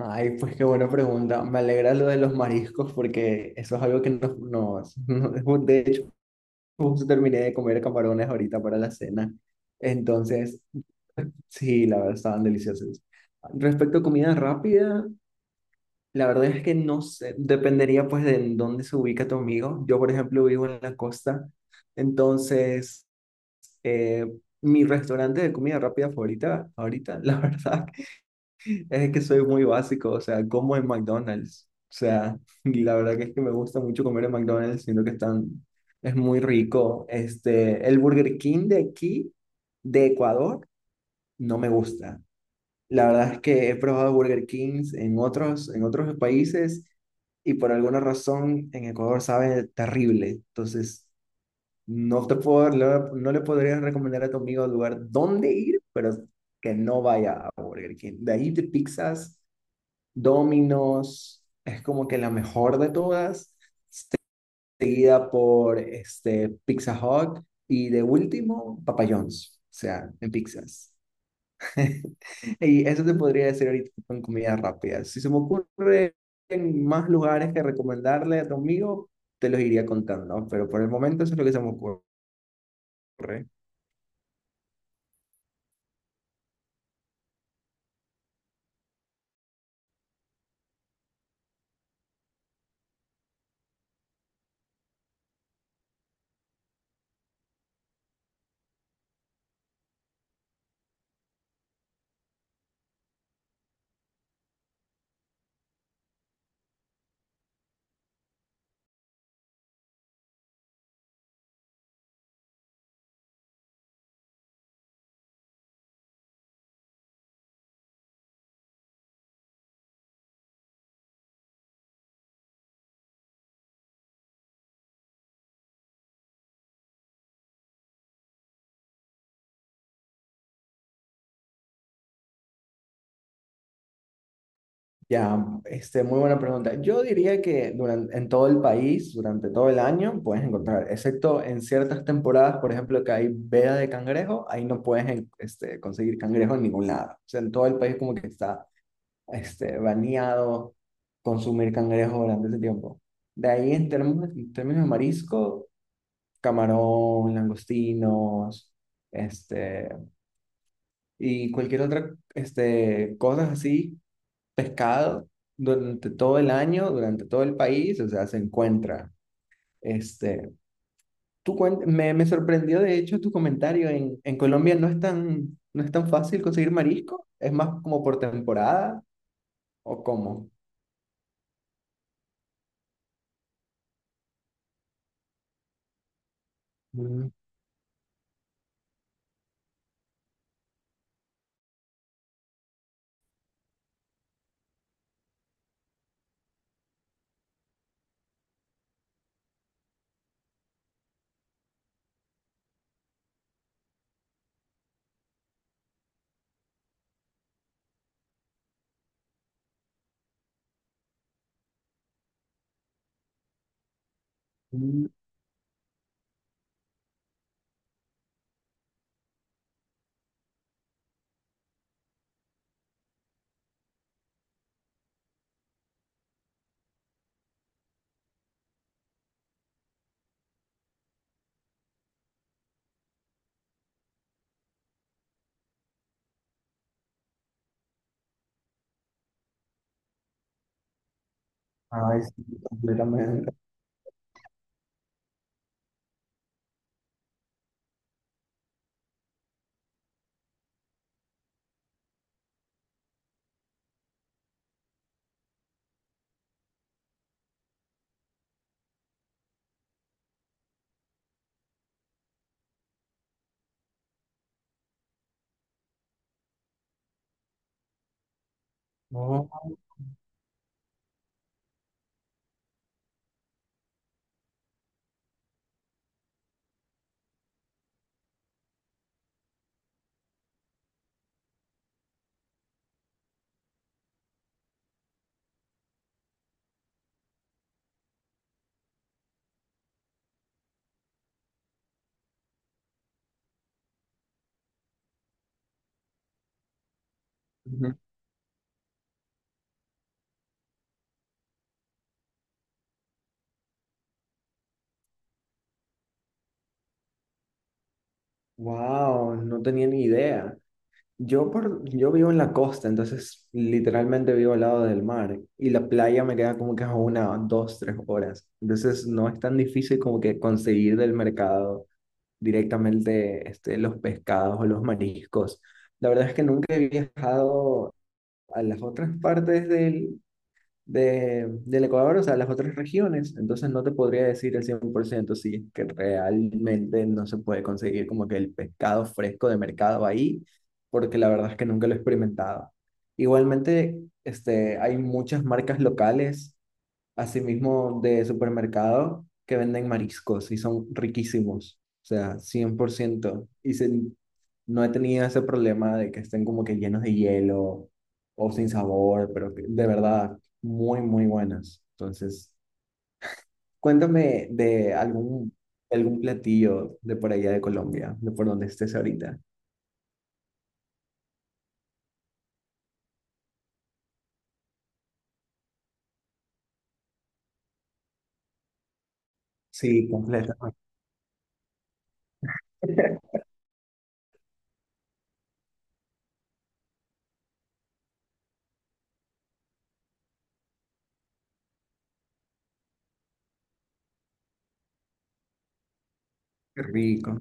Ay, pues qué buena pregunta. Me alegra lo de los mariscos porque eso es algo que de hecho, justo terminé de comer camarones ahorita para la cena. Entonces, sí, la verdad, estaban deliciosos. Respecto a comida rápida, la verdad es que no sé, dependería pues de en dónde se ubica tu amigo. Yo, por ejemplo, vivo en la costa. Entonces, eh, mi restaurante de comida rápida favorita, ahorita, la verdad, es que soy muy básico, o sea, como en McDonald's. O sea, y la verdad que es que me gusta mucho comer en McDonald's, siento que están, es muy rico. El Burger King de aquí, de Ecuador, no me gusta. La verdad es que he probado Burger Kings en otros países y por alguna razón en Ecuador sabe terrible. Entonces, no te puedo, no, no le podría recomendar a tu amigo el lugar dónde ir, pero que no vaya a Burger King. De ahí de pizzas. Domino's es como que la mejor de todas, seguida por Pizza Hut y de último, Papa John's, o sea, en pizzas. Y eso te podría decir ahorita con comida rápida. Si se me ocurre en más lugares que recomendarle a tu amigo, te los iría contando, pero por el momento eso es lo que se me ocurre. Ya, muy buena pregunta. Yo diría que en todo el país, durante todo el año, puedes encontrar, excepto en ciertas temporadas, por ejemplo, que hay veda de cangrejo, ahí no puedes en- este, conseguir cangrejo en ningún lado. O sea, en todo el país como que está baneado consumir cangrejo durante ese tiempo. De ahí en términos de marisco, camarón, langostinos, este, y cualquier otra, cosas así, pescado, durante todo el año, durante todo el país, o sea, se encuentra. Este, me sorprendió de hecho tu comentario, en Colombia no es tan fácil conseguir marisco, es más como por temporada o cómo. Mm, mm. Ay, sí, completamente. Wow, no tenía ni idea. Yo vivo en la costa, entonces literalmente vivo al lado del mar y la playa me queda como que a una, dos, tres horas. Entonces no es tan difícil como que conseguir del mercado directamente los pescados o los mariscos. La verdad es que nunca he viajado a las otras del Ecuador, o sea, las otras regiones, entonces no te podría decir el 100% si es que realmente no se puede conseguir como que el pescado fresco de mercado ahí, porque la verdad es que nunca lo he experimentado. Igualmente, hay muchas marcas locales asimismo de supermercados que venden mariscos y son riquísimos, o sea, cien por ciento. Y se- no he tenido ese problema de que estén como que llenos de hielo o sin sabor, pero que de verdad, muy, muy buenas. Entonces, cuéntame de algún platillo de por allá de Colombia, de por donde estés ahorita. Sí, completamente. Qué rico,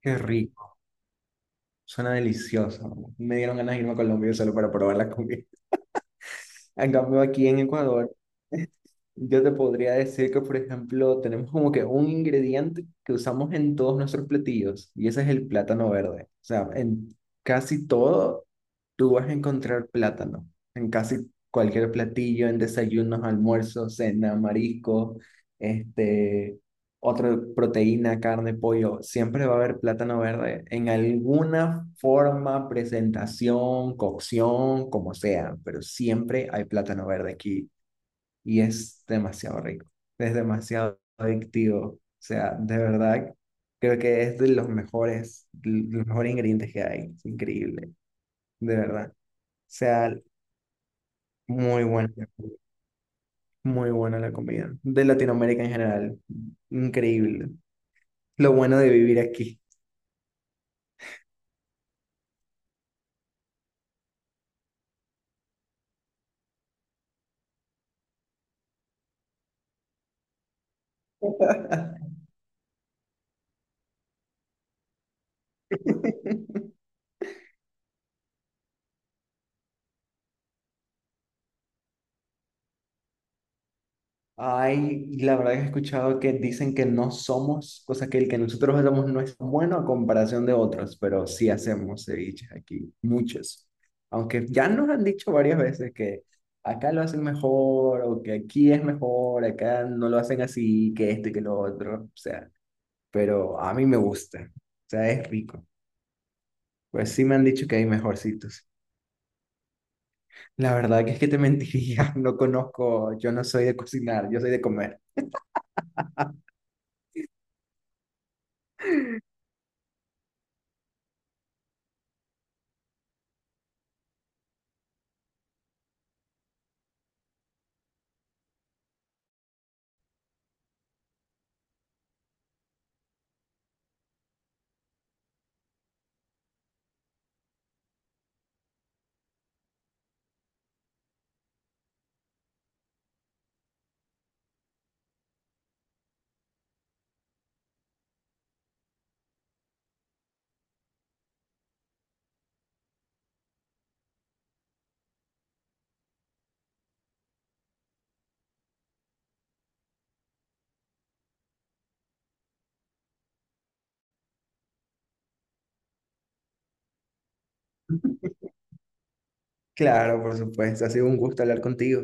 qué rico. Suena delicioso. Me dieron ganas de irme a Colombia solo para probar la comida. En cambio, aquí en Ecuador, yo te podría decir que, por ejemplo, tenemos como que un ingrediente que usamos en todos nuestros platillos y ese es el plátano verde. O sea, en casi todo tú vas a encontrar plátano. En casi cualquier platillo, en desayunos, almuerzos, cena, marisco, este, otra proteína, carne, pollo, siempre va a haber plátano verde en alguna forma, presentación, cocción, como sea, pero siempre hay plátano verde aquí y es demasiado rico, es demasiado adictivo, o sea, de verdad creo que es de los mejores ingredientes que hay, es increíble, de verdad, o sea, muy buena la comida, muy buena la comida de Latinoamérica en general, increíble, lo bueno de vivir aquí. Ay, y la verdad que he escuchado que dicen que no somos, cosa que el que nosotros hacemos no es bueno a comparación de otros, pero sí hacemos ceviches aquí, muchos. Aunque ya nos han dicho varias veces que acá lo hacen mejor, o que aquí es mejor, acá no lo hacen así, que esto y que lo otro, o sea, pero a mí me gusta, o sea, es rico. Pues sí me han dicho que hay mejorcitos. La verdad que es que te mentiría, no conozco, yo no soy de cocinar, yo soy de comer. Claro, por supuesto. Ha sido un gusto hablar contigo.